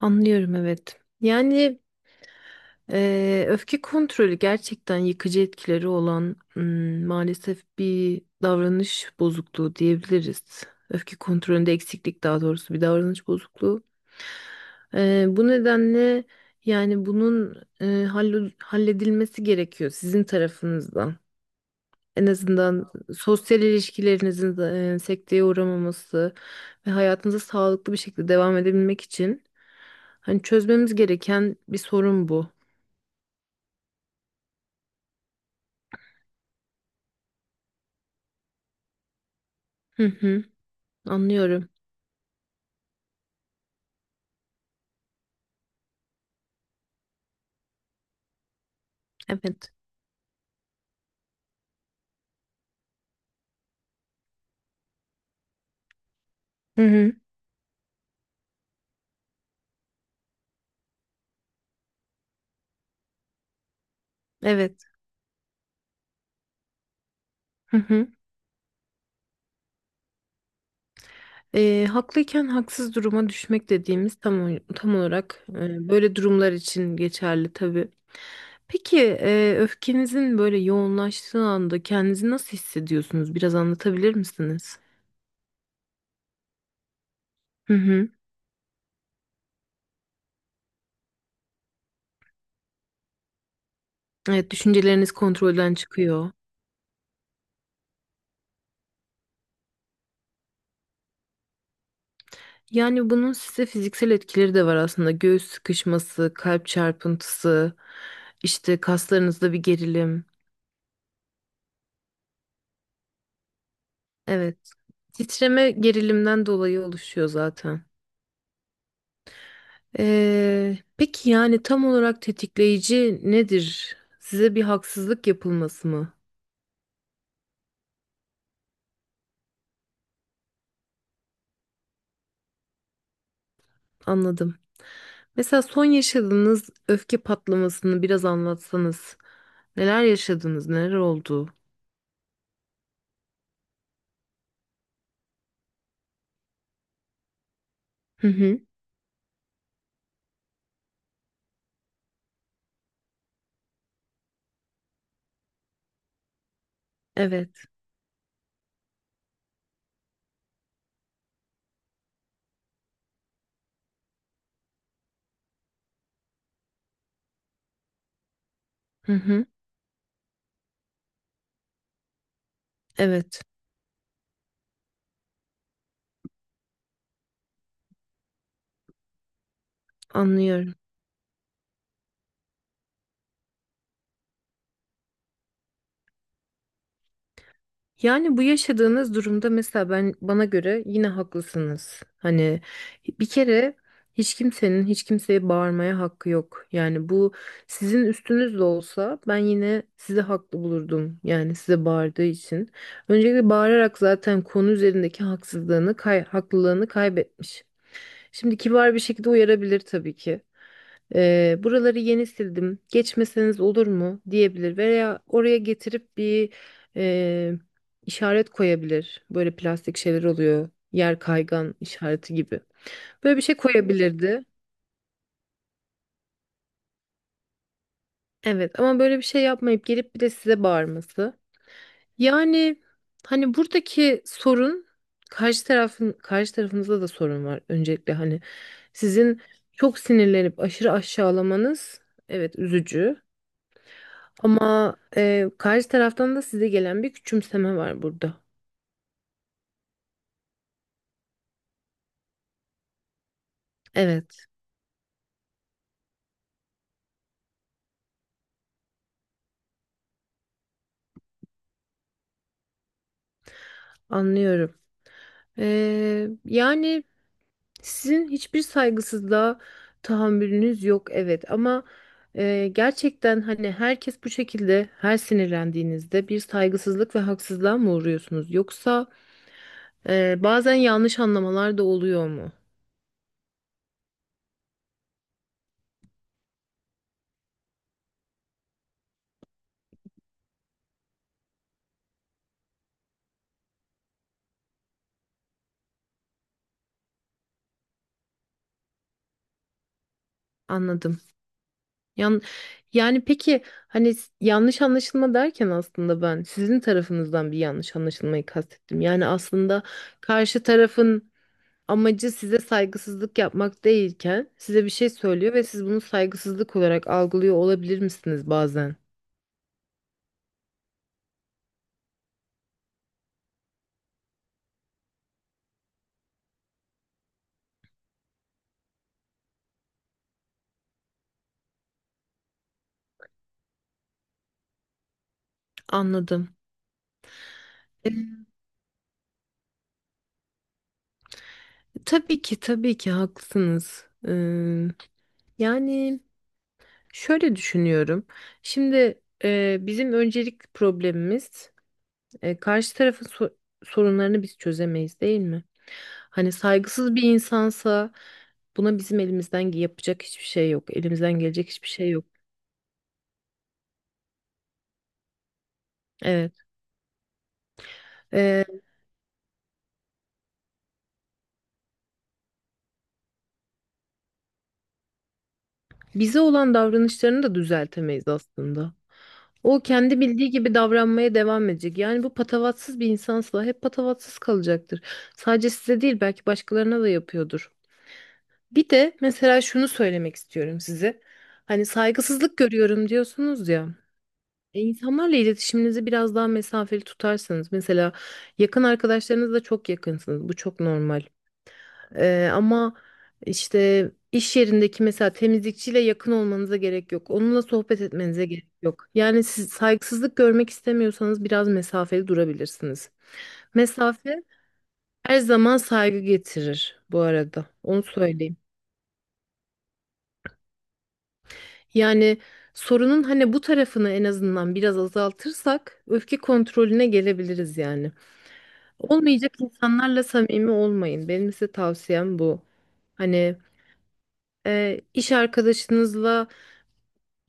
Anlıyorum, evet. Yani öfke kontrolü gerçekten yıkıcı etkileri olan, maalesef bir davranış bozukluğu diyebiliriz. Öfke kontrolünde eksiklik, daha doğrusu bir davranış bozukluğu. Bu nedenle yani bunun halledilmesi gerekiyor sizin tarafınızdan. En azından sosyal ilişkilerinizin sekteye uğramaması ve hayatınıza sağlıklı bir şekilde devam edebilmek için hani çözmemiz gereken bir sorun bu. Hı hı, anlıyorum. Evet. Hı hı, evet. Hı hı. Haklıyken haksız duruma düşmek dediğimiz tam tam olarak böyle durumlar için geçerli tabii. Peki öfkenizin böyle yoğunlaştığı anda kendinizi nasıl hissediyorsunuz? Biraz anlatabilir misiniz? Hı hı. Evet, düşünceleriniz kontrolden çıkıyor. Yani bunun size fiziksel etkileri de var aslında. Göğüs sıkışması, kalp çarpıntısı, işte kaslarınızda bir gerilim. Evet. Titreme gerilimden dolayı oluşuyor zaten. Peki yani tam olarak tetikleyici nedir? Size bir haksızlık yapılması mı? Anladım. Mesela son yaşadığınız öfke patlamasını biraz anlatsanız. Neler yaşadınız? Neler oldu? Hı hı. Evet. Hı hı. Evet, anlıyorum. Yani bu yaşadığınız durumda mesela ben, bana göre yine haklısınız. Hani bir kere hiç kimsenin hiç kimseye bağırmaya hakkı yok. Yani bu sizin üstünüz de olsa ben yine sizi haklı bulurdum. Yani size bağırdığı için. Öncelikle bağırarak zaten konu üzerindeki haksızlığını, haklılığını kaybetmiş. Şimdi kibar bir şekilde uyarabilir tabii ki. Buraları yeni sildim. Geçmeseniz olur mu diyebilir veya oraya getirip bir e, işaret koyabilir. Böyle plastik şeyler oluyor. Yer kaygan işareti gibi. Böyle bir şey koyabilirdi. Evet, ama böyle bir şey yapmayıp gelip bir de size bağırması. Yani hani buradaki sorun karşı tarafınızda da sorun var öncelikle, hani sizin çok sinirlenip aşırı aşağılamanız, evet, üzücü. Ama karşı taraftan da size gelen bir küçümseme var burada. Evet, anlıyorum. Yani sizin hiçbir saygısızlığa tahammülünüz yok, evet. Ama gerçekten hani herkes bu şekilde her sinirlendiğinizde bir saygısızlık ve haksızlığa mı uğruyorsunuz? Yoksa bazen yanlış anlamalar da oluyor mu? Anladım. Yan, Yani peki hani yanlış anlaşılma derken aslında ben sizin tarafınızdan bir yanlış anlaşılmayı kastettim. Yani aslında karşı tarafın amacı size saygısızlık yapmak değilken size bir şey söylüyor ve siz bunu saygısızlık olarak algılıyor olabilir misiniz bazen? Anladım. Ee, tabii ki tabii ki haklısınız. Yani şöyle düşünüyorum. Şimdi bizim öncelik problemimiz. E, karşı tarafın sorunlarını biz çözemeyiz değil mi? Hani saygısız bir insansa buna bizim elimizden yapacak hiçbir şey yok. Elimizden gelecek hiçbir şey yok. Evet. E, Bize olan davranışlarını da düzeltemeyiz aslında. O kendi bildiği gibi davranmaya devam edecek. Yani bu patavatsız bir insansa hep patavatsız kalacaktır. Sadece size değil, belki başkalarına da yapıyordur. Bir de mesela şunu söylemek istiyorum size. Hani saygısızlık görüyorum diyorsunuz ya. E, İnsanlarla iletişiminizi biraz daha mesafeli tutarsanız, mesela yakın arkadaşlarınızla çok yakınsınız. Bu çok normal. Ama işte iş yerindeki mesela temizlikçiyle yakın olmanıza gerek yok. Onunla sohbet etmenize gerek yok. Yani siz saygısızlık görmek istemiyorsanız biraz mesafeli durabilirsiniz. Mesafe her zaman saygı getirir bu arada. Onu söyleyeyim. Yani sorunun hani bu tarafını en azından biraz azaltırsak öfke kontrolüne gelebiliriz yani. Olmayacak insanlarla samimi olmayın. Benim size tavsiyem bu. Hani iş arkadaşınızla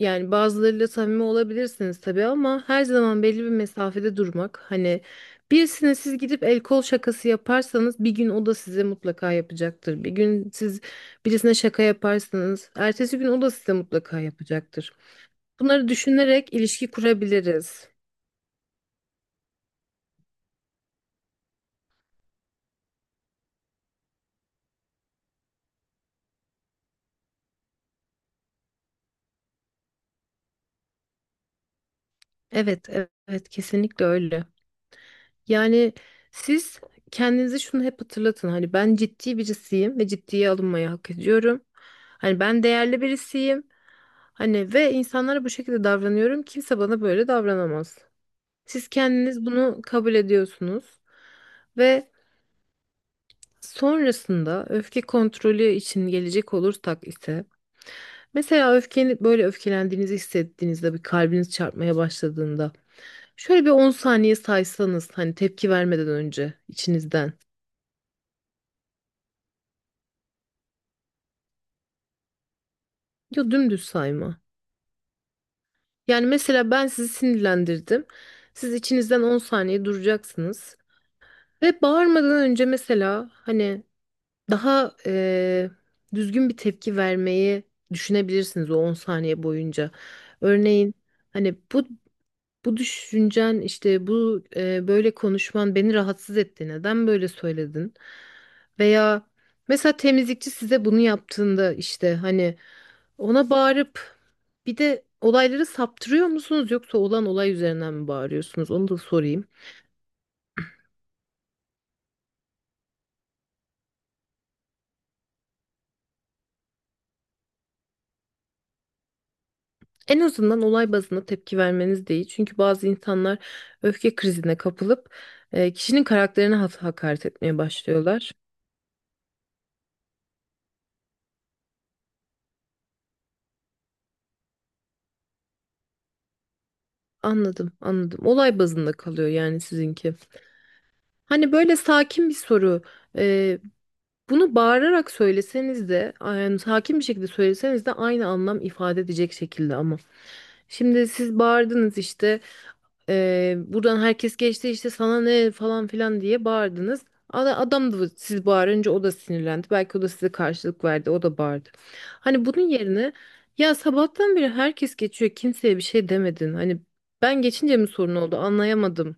yani bazılarıyla samimi olabilirsiniz tabii, ama her zaman belli bir mesafede durmak. Hani birisine siz gidip el kol şakası yaparsanız bir gün o da size mutlaka yapacaktır. Bir gün siz birisine şaka yaparsanız ertesi gün o da size mutlaka yapacaktır. Bunları düşünerek ilişki kurabiliriz. Evet, evet, evet, kesinlikle öyle. Yani siz kendinize şunu hep hatırlatın. Hani ben ciddi birisiyim ve ciddiye alınmayı hak ediyorum. Hani ben değerli birisiyim. Hani ve insanlara bu şekilde davranıyorum. Kimse bana böyle davranamaz. Siz kendiniz bunu kabul ediyorsunuz. Ve sonrasında öfke kontrolü için gelecek olursak ise, mesela öfkeni böyle öfkelendiğinizi hissettiğinizde bir kalbiniz çarpmaya başladığında şöyle bir 10 saniye saysanız hani tepki vermeden önce içinizden. Ya dümdüz sayma. Yani mesela ben sizi sinirlendirdim. Siz içinizden 10 saniye duracaksınız ve bağırmadan önce mesela hani daha düzgün bir tepki vermeyi düşünebilirsiniz o 10 saniye boyunca. Örneğin hani bu düşüncen, işte bu böyle konuşman beni rahatsız etti. Neden böyle söyledin? Veya mesela temizlikçi size bunu yaptığında, işte hani ona bağırıp bir de olayları saptırıyor musunuz, yoksa olan olay üzerinden mi bağırıyorsunuz? Onu da sorayım. En azından olay bazında tepki vermeniz değil. Çünkü bazı insanlar öfke krizine kapılıp kişinin karakterine hakaret etmeye başlıyorlar. Anladım, anladım. Olay bazında kalıyor yani sizinki. Hani böyle sakin bir soru. e, Bunu bağırarak söyleseniz de, yani sakin bir şekilde söyleseniz de aynı anlam ifade edecek şekilde ama. Şimdi siz bağırdınız işte. Buradan herkes geçti, işte sana ne falan filan diye bağırdınız. Adam da siz bağırınca o da sinirlendi. Belki o da size karşılık verdi. O da bağırdı. Hani bunun yerine ya sabahtan beri herkes geçiyor. Kimseye bir şey demedin. Hani ben geçince mi sorun oldu anlayamadım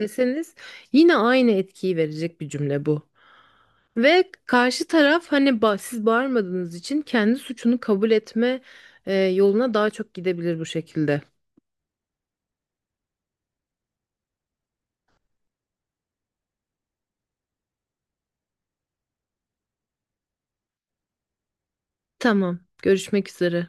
deseniz yine aynı etkiyi verecek bir cümle bu. Ve karşı taraf hani siz bağırmadığınız için kendi suçunu kabul etme yoluna daha çok gidebilir bu şekilde. Tamam, görüşmek üzere.